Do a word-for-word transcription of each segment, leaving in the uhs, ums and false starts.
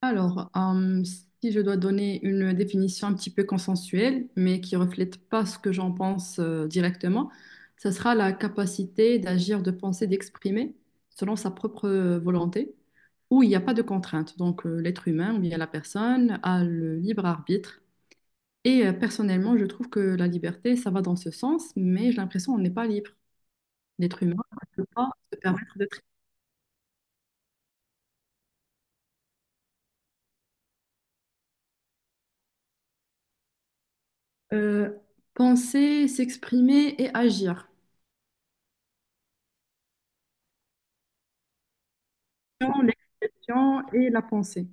Alors, euh, si je dois donner une définition un petit peu consensuelle, mais qui reflète pas ce que j'en pense euh, directement, ça sera la capacité d'agir, de penser, d'exprimer selon sa propre euh, volonté, où il n'y a pas de contrainte. Donc, euh, l'être humain ou bien la personne a le libre arbitre. Et euh, personnellement, je trouve que la liberté, ça va dans ce sens, mais j'ai l'impression qu'on n'est pas libre. L'être humain ne peut pas se permettre de tri- euh, penser, s'exprimer et agir. L'expression et la pensée.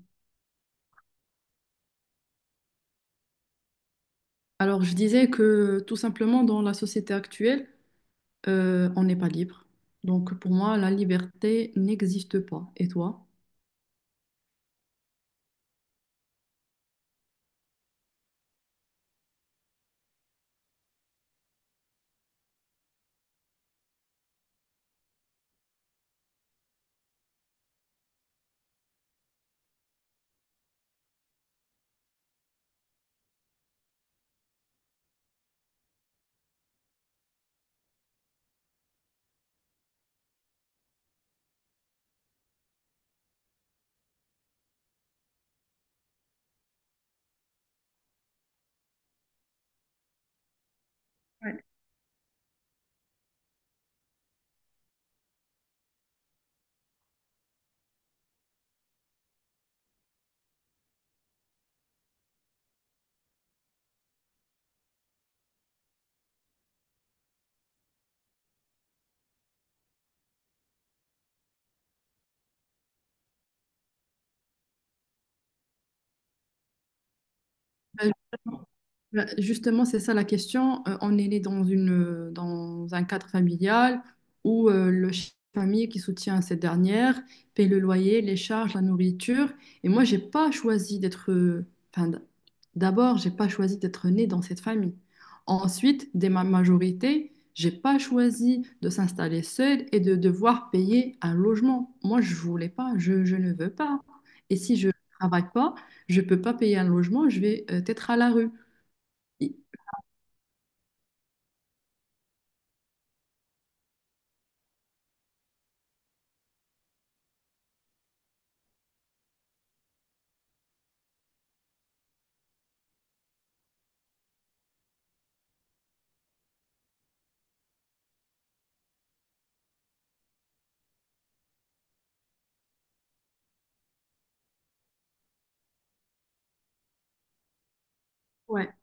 Alors, je disais que tout simplement, dans la société actuelle, euh, on n'est pas libre. Donc, pour moi, la liberté n'existe pas. Et toi? Ouais. Ben, Bah, justement, c'est ça la question. Euh, on est né dans une, euh, dans un cadre familial où euh, le chef de famille qui soutient cette dernière paye le loyer, les charges, la nourriture. Et moi, j'ai pas choisi d'être. euh, Enfin, d- d'abord, j'ai pas choisi d'être né dans cette famille. Ensuite, dès ma majorité, j'ai pas choisi de s'installer seule et de devoir payer un logement. Moi, je voulais pas. Je, je ne veux pas. Et si je travaille pas, je peux pas payer un logement. Je vais euh, être à la rue. Ouais.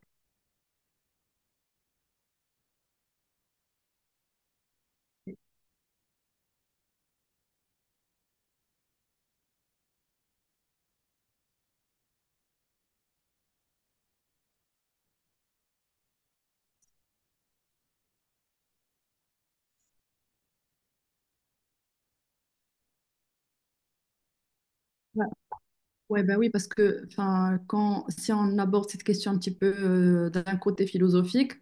Ouais, ouais, bah oui, parce que enfin, quand, si on aborde cette question un petit peu euh, d'un côté philosophique,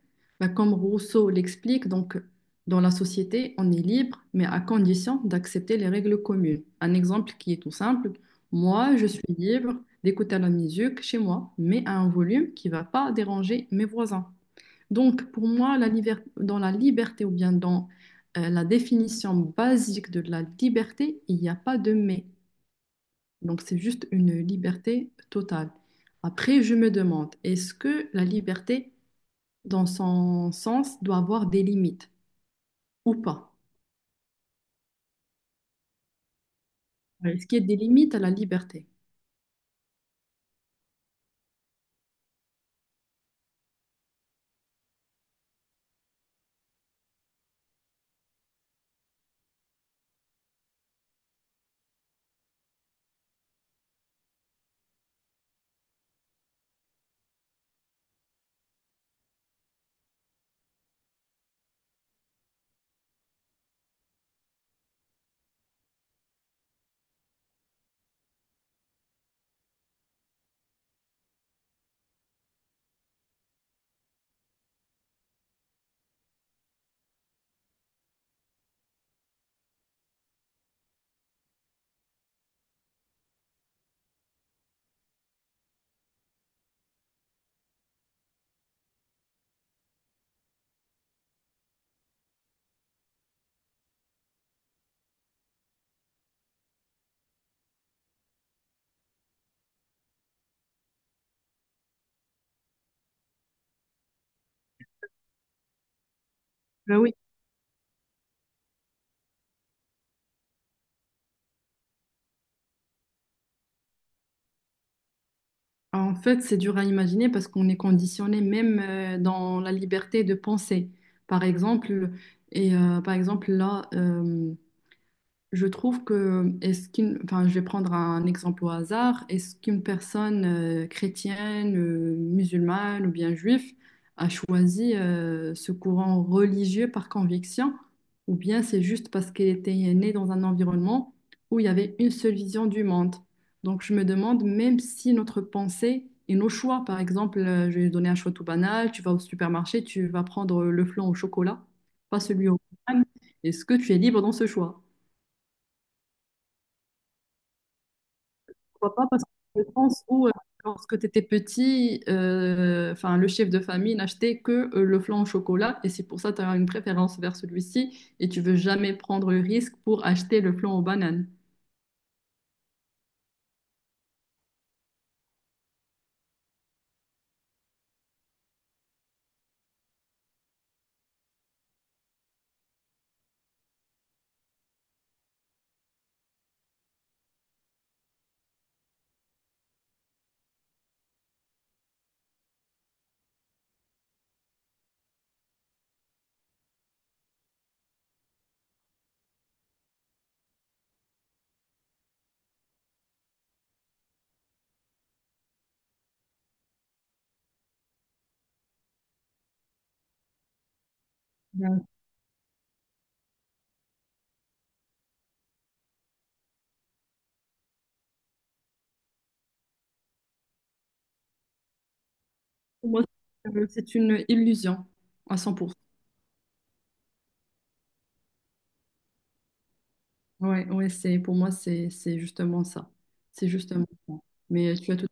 bah, comme Rousseau l'explique, donc dans la société, on est libre, mais à condition d'accepter les règles communes. Un exemple qui est tout simple, moi, je suis libre d'écouter la musique chez moi, mais à un volume qui ne va pas déranger mes voisins. Donc, pour moi, la liber- dans la liberté ou bien dans euh, la définition basique de la liberté, il n'y a pas de mais. Donc, c'est juste une liberté totale. Après, je me demande, est-ce que la liberté, dans son sens, doit avoir des limites ou pas? Oui. Est-ce qu'il y a des limites à la liberté? Ben oui. En fait, c'est dur à imaginer parce qu'on est conditionné même euh, dans la liberté de penser. Par exemple, et euh, par exemple là, euh, je trouve que, est-ce qu'une, enfin, je vais prendre un exemple au hasard, est-ce qu'une personne euh, chrétienne, euh, musulmane ou bien juif a choisi euh, ce courant religieux par conviction, ou bien c'est juste parce qu'elle était née dans un environnement où il y avait une seule vision du monde? Donc je me demande, même si notre pensée et nos choix, par exemple, euh, je vais donner un choix tout banal, tu vas au supermarché, tu vas prendre le flan au chocolat, pas celui au pain, est-ce que tu es libre dans ce choix? Pourquoi pas, parce que je pense où, euh, lorsque tu étais petit, euh, enfin, le chef de famille n'achetait que euh, le flan au chocolat, et c'est pour ça que tu as une préférence vers celui-ci, et tu veux jamais prendre le risque pour acheter le flan aux bananes. Bien. Pour moi, euh, c'est une illusion à cent pour cent. Ouais, ouais, c'est, pour moi, c'est, c'est justement ça. C'est justement ça. Mais tu as tout…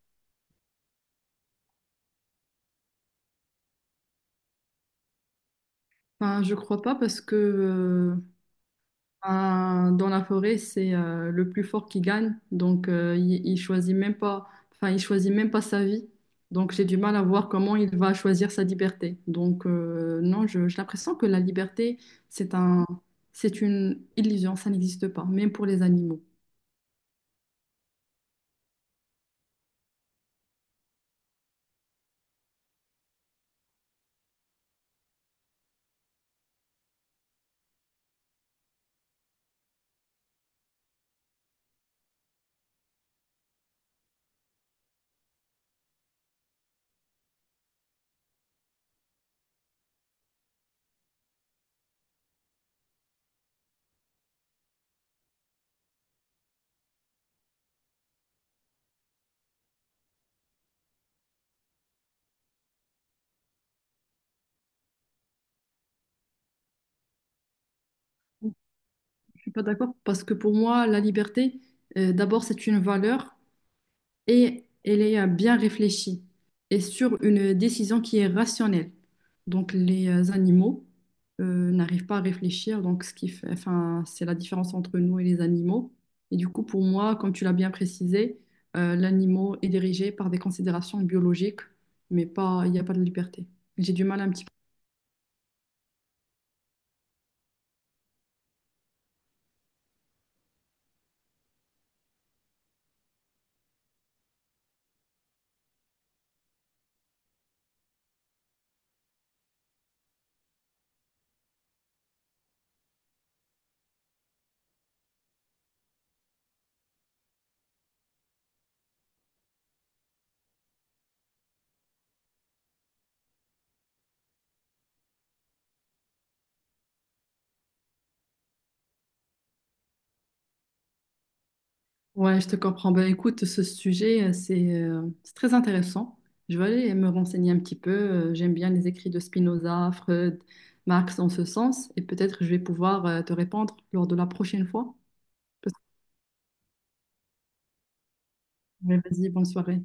Enfin, je crois pas parce que… euh, Ben, dans la forêt, c'est euh, le plus fort qui gagne. Donc, euh, il, il choisit même pas, enfin, il choisit même pas sa vie. Donc, j'ai du mal à voir comment il va choisir sa liberté. Donc, euh, non, je- j'ai l'impression que la liberté, c'est un, c'est une illusion. Ça n'existe pas, même pour les animaux. Je suis pas d'accord parce que pour moi, la liberté, euh, d'abord, c'est une valeur. Et elle est euh, bien réfléchie et sur une décision qui est rationnelle. Donc les euh, animaux euh, n'arrivent pas à réfléchir, donc ce qui fait, enfin, c'est la différence entre nous et les animaux. Et du coup, pour moi, comme tu l'as bien précisé, euh, l'animal est dirigé par des considérations biologiques, mais pas, il n'y a pas de liberté. J'ai du mal un petit peu. Ouais, je te comprends. Ben, écoute, ce sujet, euh, c'est euh, c'est très intéressant. Je vais aller me renseigner un petit peu. Euh, J'aime bien les écrits de Spinoza, Freud, Marx en ce sens, et peut-être je vais pouvoir euh, te répondre lors de la prochaine fois. Parce que… Ouais, vas-y, bonne soirée.